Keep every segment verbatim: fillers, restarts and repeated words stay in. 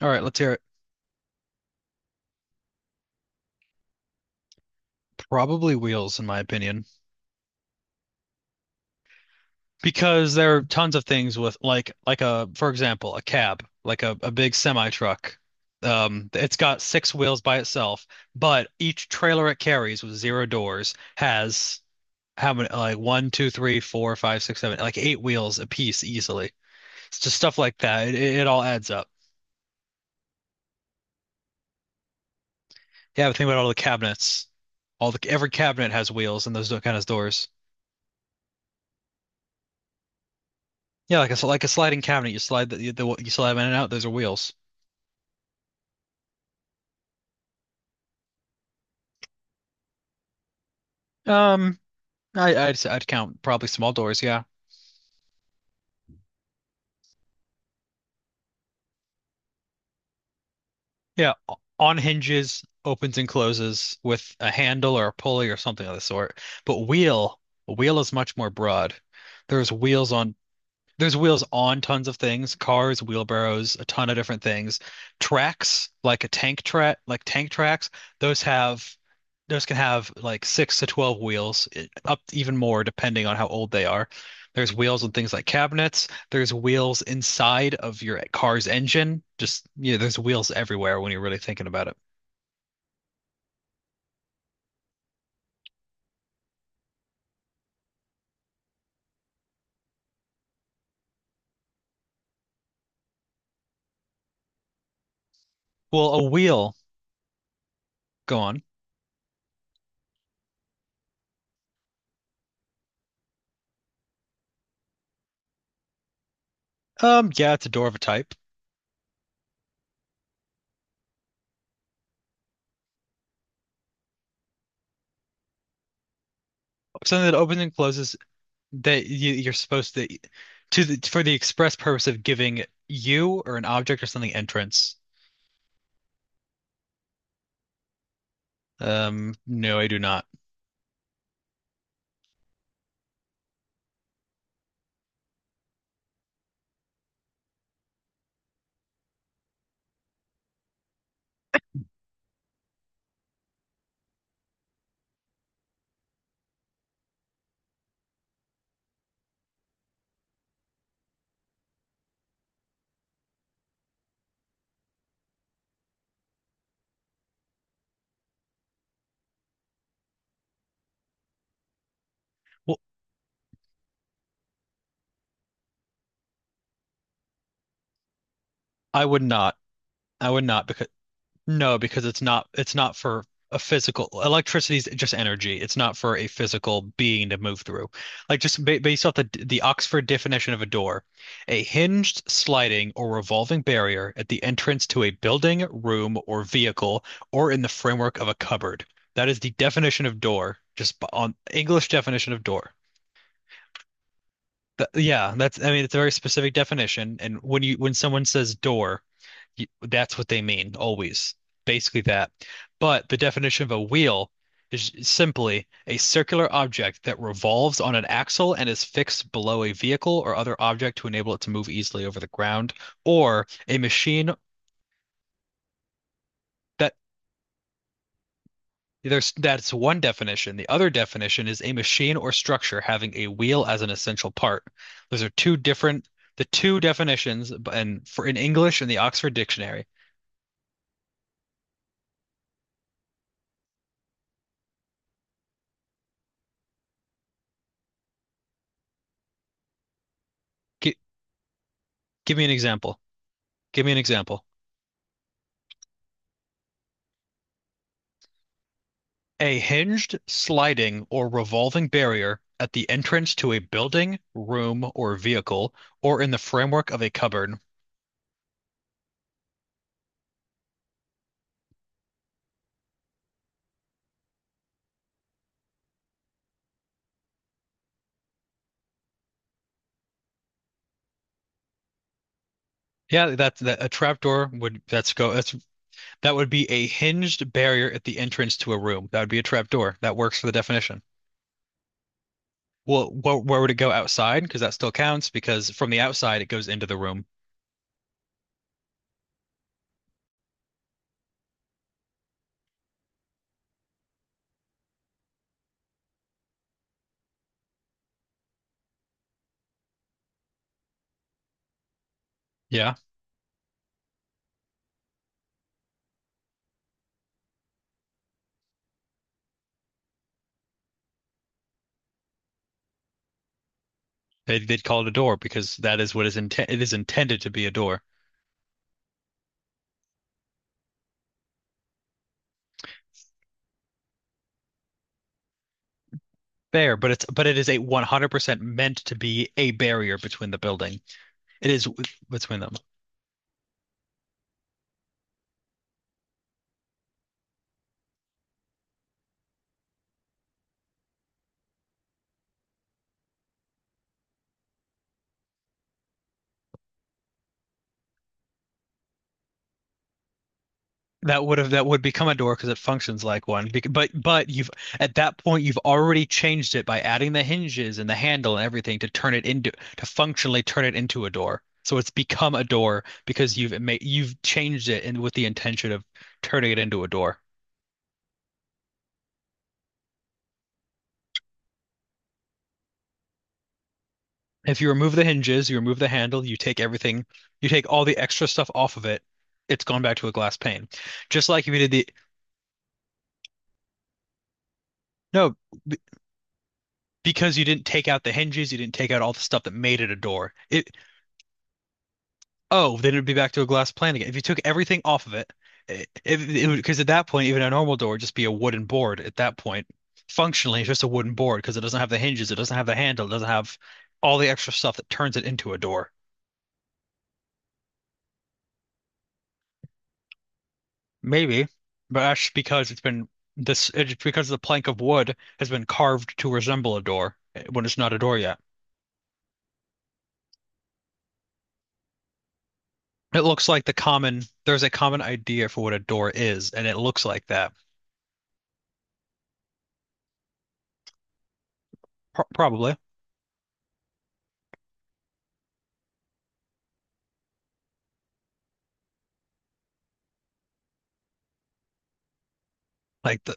All right, let's hear it. Probably wheels, in my opinion, because there are tons of things with like like a for example a cab, like a, a big semi truck. Um, it's got six wheels by itself, but each trailer it carries with zero doors has how many, like one, two, three, four, five, six, seven, like eight wheels a piece easily. It's just stuff like that. It, it, it all adds up. Yeah, but think about all the cabinets. All the Every cabinet has wheels and those kind of doors. Yeah, like a s- like a sliding cabinet. You slide the, the you slide them in and out. Those are wheels. Um, I, I'd I'd count probably small doors. Yeah, yeah, o- on hinges, opens and closes with a handle or a pulley or something of the sort. But wheel, a wheel is much more broad. There's wheels on There's wheels on tons of things: cars, wheelbarrows, a ton of different things. Tracks, like a tank track, like tank tracks, those have those can have like six to twelve wheels, i- up, even more depending on how old they are. There's wheels on things like cabinets. There's wheels inside of your car's engine. Just, you know, there's wheels everywhere when you're really thinking about it. Well, a wheel, go on. Um, yeah, it's a door of a type. Something that opens and closes that you, you're supposed to to the for the express purpose of giving you or an object or something entrance. Um, no, I do not. Well, I would not. I would not because. No, because it's not it's not for a physical electricity is just energy. It's not for a physical being to move through. Like just ba based off the the Oxford definition of a door, a hinged, sliding, or revolving barrier at the entrance to a building, room, or vehicle, or in the framework of a cupboard. That is the definition of door, just b- on English definition of door. Th- yeah, that's I mean, it's a very specific definition. And when you when someone says door, that's what they mean, always. Basically that. But the definition of a wheel is simply a circular object that revolves on an axle and is fixed below a vehicle or other object to enable it to move easily over the ground, or a machine that... there's that's one definition. The other definition is a machine or structure having a wheel as an essential part. Those are two different the two definitions, and for in English in the Oxford Dictionary. Gi- give me an example. Give me an example. A hinged, sliding, or revolving barrier at the entrance to a building, room, or vehicle, or in the framework of a cupboard. Yeah, that, that a trapdoor would that's go that's that would be a hinged barrier at the entrance to a room. That would be a trapdoor. That works for the definition. Well, wh where would it go outside? Because that still counts because from the outside it goes into the room. Yeah, they, they'd call it a door because that is what is intent. It is intended to be a door. Fair, but it's but it is a one hundred percent meant to be a barrier between the building. It is between them. That would have that would become a door because it functions like one. But but you've at that point, you've already changed it by adding the hinges and the handle and everything to turn it into to functionally turn it into a door. So it's become a door because you've made you've changed it and with the intention of turning it into a door. If you remove the hinges, you remove the handle, you take everything, you take all the extra stuff off of it, it's gone back to a glass pane. Just like if you did the... No, because you didn't take out the hinges, you didn't take out all the stuff that made it a door. It oh, then it'd be back to a glass plane again. If you took everything off of it, it because at that point, even a normal door would just be a wooden board. At that point, functionally, it's just a wooden board because it doesn't have the hinges, it doesn't have the handle, it doesn't have all the extra stuff that turns it into a door. Maybe, but that's because it's been... this it's because the plank of wood has been carved to resemble a door, eh, when it's not a door yet. It looks like the common, there's a common idea for what a door is, and it looks like that. Pro- Probably like the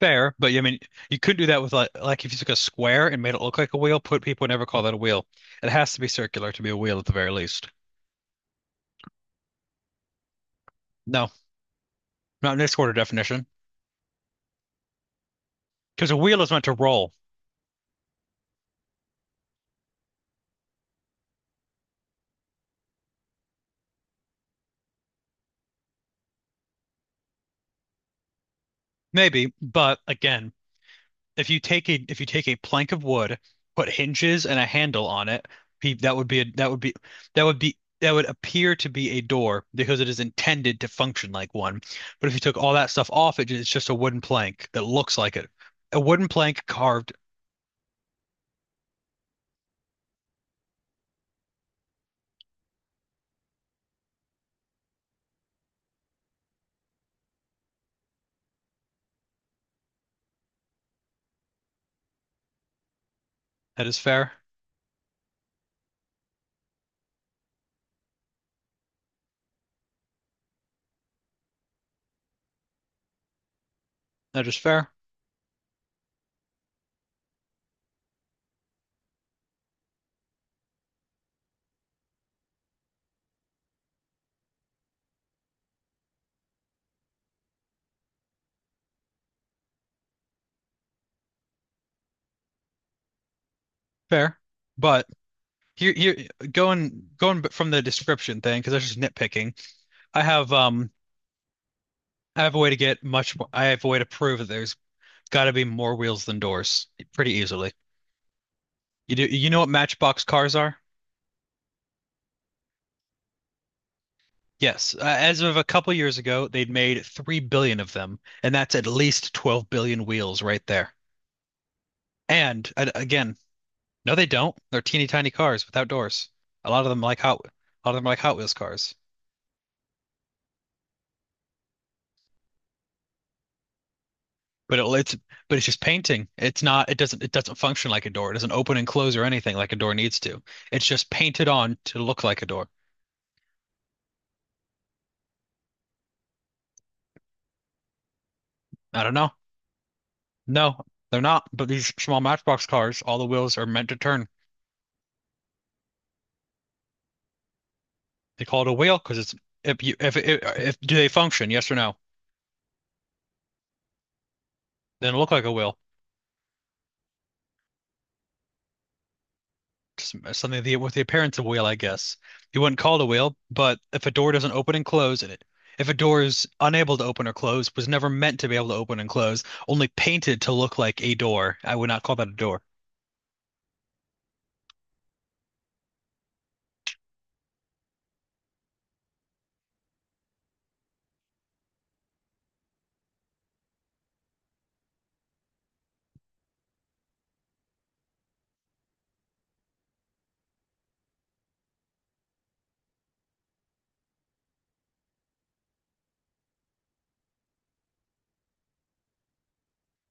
Fair, but yeah, I mean, you couldn't do that with like like if you took a square and made it look like a wheel. Put People would never call that a wheel. It has to be circular to be a wheel at the very least. No, not in this order definition, because a wheel is meant to roll, maybe, but again, if you take a if you take a plank of wood, put hinges and a handle on it, pe- that would be a, that would be that would be that would appear to be a door because it is intended to function like one. But if you took all that stuff off, it, it's just a wooden plank that looks like it. A wooden plank carved. That is fair. That is fair. Fair. But here here going going from the description thing because that's just nitpicking. I have um I have a way to get much more, I have a way to prove that there's got to be more wheels than doors pretty easily. You do, you know what Matchbox cars are? Yes. Uh, as of a couple years ago, they'd made three billion of them, and that's at least twelve billion wheels right there. And a- again, no, they don't. They're teeny tiny cars without doors. A lot of them like Hot, a lot of them are like Hot Wheels cars. But it, it's but it's just painting. It's not. It doesn't. It doesn't function like a door. It doesn't open and close or anything like a door needs to. It's just painted on to look like a door. I don't know. No, they're not. But these small Matchbox cars, all the wheels are meant to turn. They call it a wheel because it's if you if, if if do they function? Yes or no? Then look like a wheel. Just something, the, with the appearance of a wheel, I guess. You wouldn't call it a wheel, but if a door doesn't open and close, and it if a door is unable to open or close, was never meant to be able to open and close, only painted to look like a door, I would not call that a door.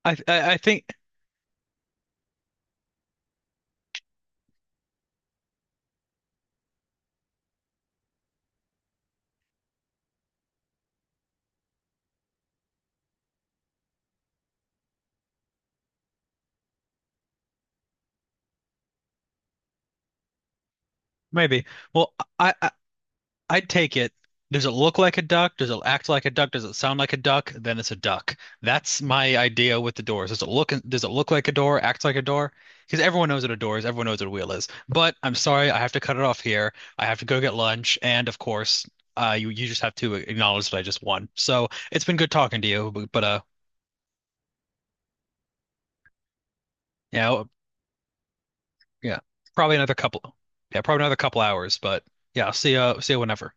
I I, I think maybe. Well, I I'd take it. Does it look like a duck? Does it act like a duck? Does it sound like a duck? Then it's a duck. That's my idea with the doors. Does it look does it look like a door? Act like a door? Because everyone knows what a door is. Everyone knows what a wheel is. But I'm sorry, I have to cut it off here. I have to go get lunch, and of course, uh, you you just have to acknowledge that I just won. So it's been good talking to you, but, but uh, yeah, yeah, probably another couple, yeah, probably another couple hours. But yeah, see you see you whenever.